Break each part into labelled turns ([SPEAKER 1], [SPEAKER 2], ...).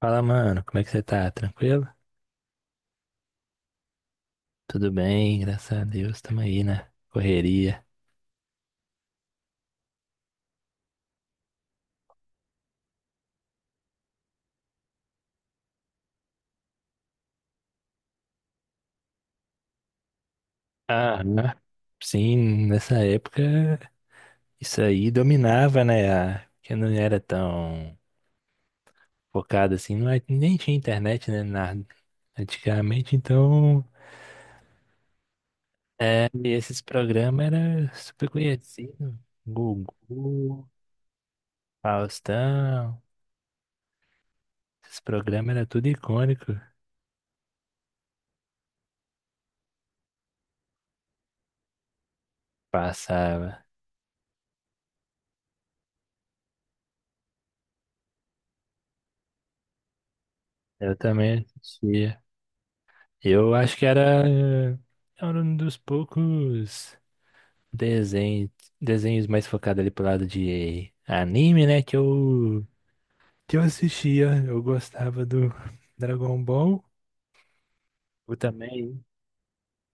[SPEAKER 1] Fala, mano, como é que você tá? Tranquilo? Tudo bem, graças a Deus, tamo aí na correria. Ah, né, sim, nessa época isso aí dominava, né? Que não era tão focado assim, não, nem tinha internet, né? Nada. Antigamente, então, é, e esses programas eram super conhecidos. Gugu, Faustão, esses programas eram tudo icônico. Passava. Eu também assistia. Eu acho que era um dos poucos desenhos, desenhos mais focados ali pro lado de anime, né? Que eu assistia. Eu gostava do Dragon Ball. Eu também.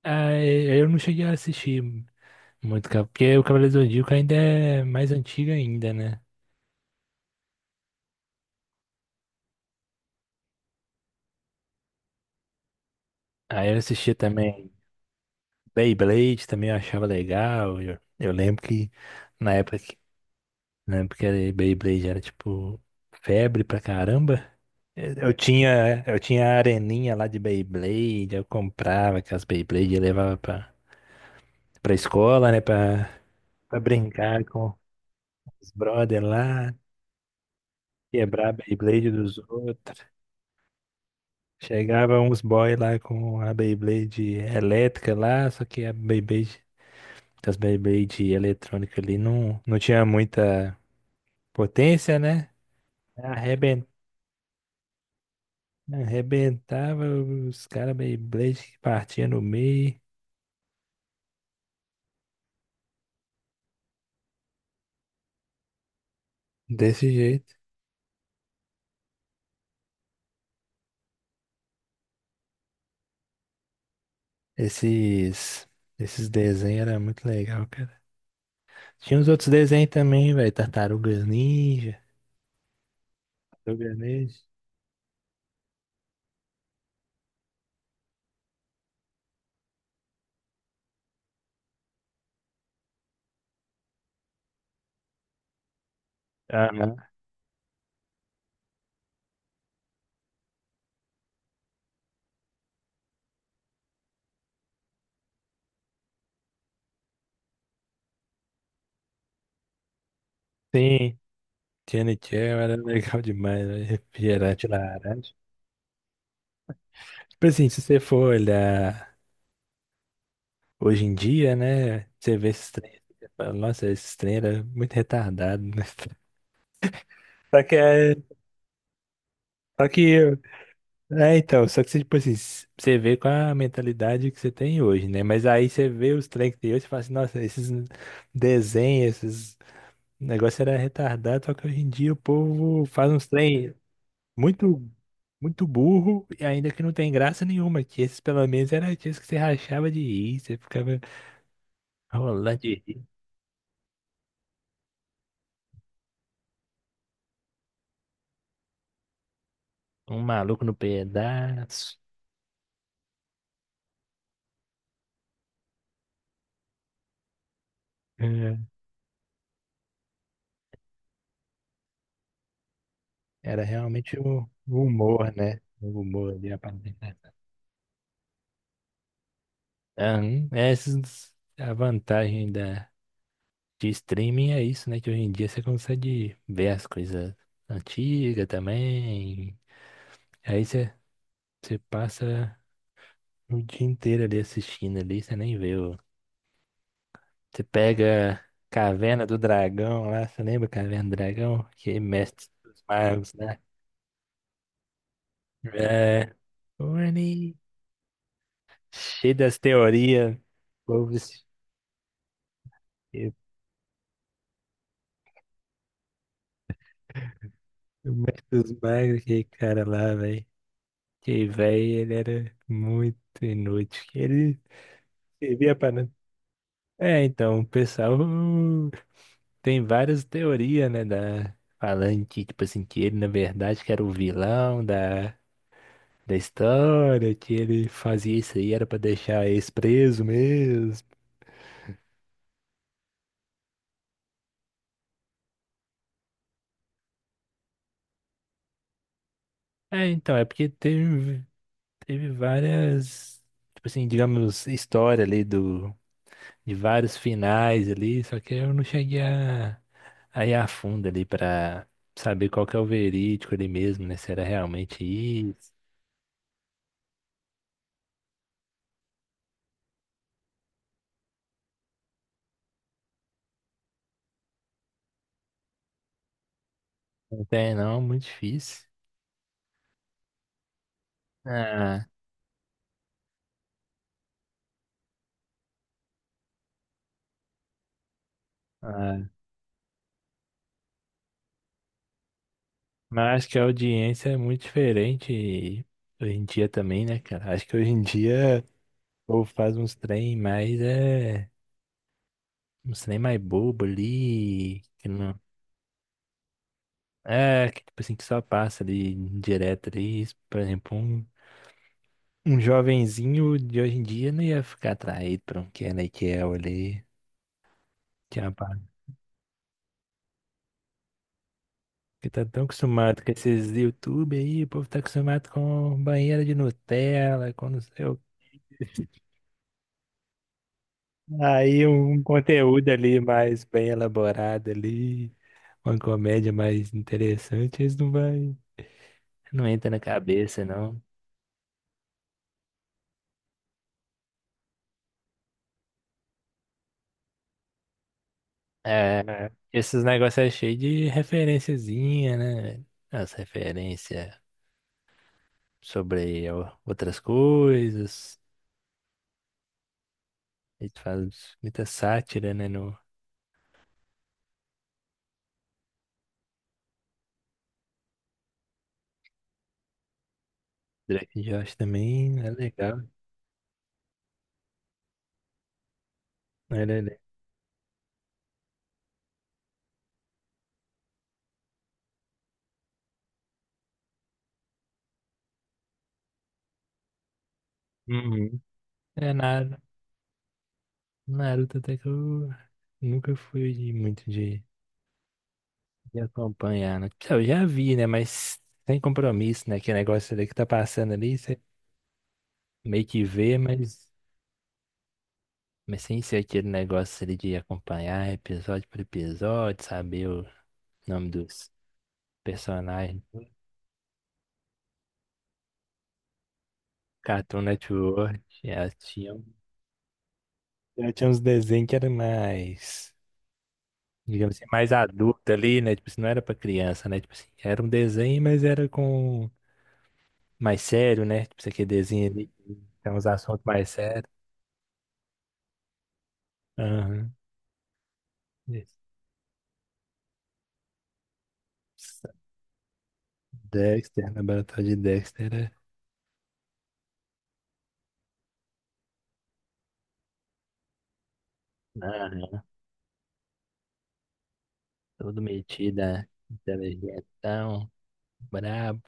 [SPEAKER 1] Ah, eu não cheguei a assistir muito, porque o Cavaleiro do Zodíaco ainda é mais antigo ainda, né? Aí eu assistia também Beyblade, também eu achava legal. Eu lembro que na época, Beyblade era tipo febre pra caramba. Eu tinha a areninha lá de Beyblade, eu comprava aquelas Beyblade e levava pra, escola, né? Pra brincar com os brother lá, quebrar a Beyblade dos outros. Chegava uns boy lá com a Beyblade elétrica lá, só que as Beyblade eletrônica ali não, não tinha muita potência, né? Arreben- Arrebentava os caras Beyblade que partiam no meio, desse jeito. Esses, esses desenhos eram muito legal, cara. Tinha uns outros desenhos também, velho. Tartarugas Ninja. Tartarugas Ninja. Aham. Sim. Tiana e era legal demais, velho. Refrigerante laranja. Tipo assim, se você for olhar hoje em dia, né? Você vê esses trem. Você fala, "Nossa, esses trem era muito retardado", né? Só que, só que, é, então, só que você, tipo assim, você vê com a mentalidade que você tem hoje, né? Mas aí você vê os trem que tem hoje e fala assim, nossa, esses desenhos, esses negócios era retardado, só que hoje em dia o povo faz uns trem muito, muito burro e ainda que não tem graça nenhuma, que esses pelo menos era aqueles que você rachava de rir, você ficava rolando de rir, um maluco no pedaço. É, era realmente o humor, né? O humor ali, a parte. Aham, Essas a vantagem de streaming é isso, né? Que hoje em dia você consegue ver as coisas antigas também. Aí você passa o dia inteiro ali assistindo ali, você nem vê o. Você pega Caverna do Dragão lá, você lembra Caverna do Dragão? Que é mestre dos magos, né? É. Orne, cheio das teorias. O povo, o mestre dos magos, aquele cara lá, velho. Que velho, ele era muito inútil. Que ele servia para. É, então, o pessoal tem várias teorias, né? Da... Falando que, tipo assim, que ele, na verdade, que era o vilão da história, que ele fazia isso aí, era pra deixar eles preso mesmo. É, então, é porque teve várias, tipo assim, digamos, história ali de vários finais ali, só que eu não cheguei a. Aí afunda ali pra saber qual que é o verídico ali mesmo, né? Se era realmente isso. Não tem, não, muito difícil. Ah, ah. Mas acho que a audiência é muito diferente hoje em dia também, né, cara? Acho que hoje em dia o povo faz uns trem mais, é, uns trem mais bobo ali, que não, é, que tipo assim, que só passa ali direto ali. Por exemplo, um jovenzinho de hoje em dia não ia ficar atraído pra um Kenan e Kel ali. Que é uma Que tá tão acostumado com esses YouTube aí, o povo tá acostumado com banheira de Nutella, com não sei o... Aí um conteúdo ali mais bem elaborado ali, uma comédia mais interessante, eles não vai, não entra na cabeça, não. É, esses negócios é cheio de referenciazinha, né? As referências sobre outras coisas, eles fazem muita sátira, né, no Drake Josh também, é legal, é legal. É, na Naruto até que eu nunca fui muito de acompanhar, né? Então, eu já vi, né? Mas sem compromisso, né? Que negócio ali que tá passando ali, você meio que vê, mas, sem ser aquele negócio ali de acompanhar episódio por episódio, saber o nome dos personagens. Cartoon Network, já tinha uns desenhos que era mais, digamos assim, mais adulto ali, né? Tipo assim, não era pra criança, né? Tipo assim, era um desenho, mas era com mais sério, né? Tipo, essa QDzinha ali, tem uns assuntos mais sérios. Aham. Isso. Dexter, laboratório de Dexter. Aham. Todo metido, né? Inteligentão, brabo.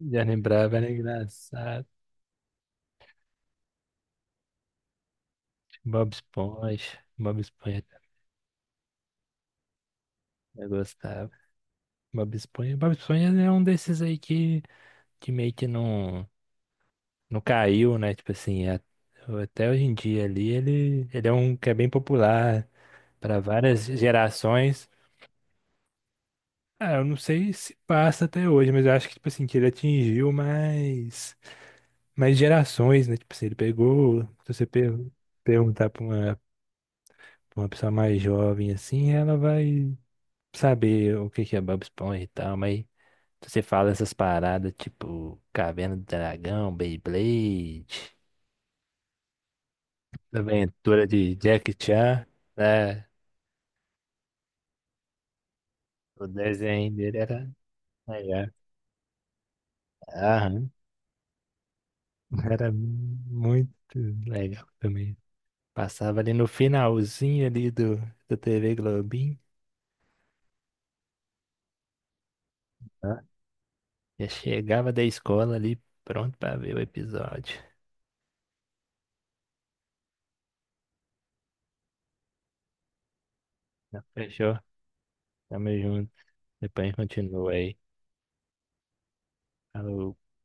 [SPEAKER 1] Já lembrava, era engraçado. Bob Esponja. Bob Esponja, eu gostava. Bob Esponja. Bob Esponja é um desses aí que meio que não, não caiu, né? Tipo assim, até hoje em dia ali, ele é um que é bem popular para várias gerações. Ah, eu não sei se passa até hoje, mas eu acho que, tipo assim, que ele atingiu mais, mais gerações, né? Tipo assim, ele pegou. Se você perguntar pra uma pessoa mais jovem, assim, ela vai saber o que que é Bob Esponja e tal, mas se você fala essas paradas, tipo Caverna do Dragão, Beyblade, Aventura de Jack Chan, né? O desenho dele era legal. Aham, era muito legal também. Passava ali no finalzinho ali do TV Globinho, né? Já chegava da escola ali pronto pra ver o episódio. Então, fechou? Tamo junto. Depois a gente continua aí. Falou.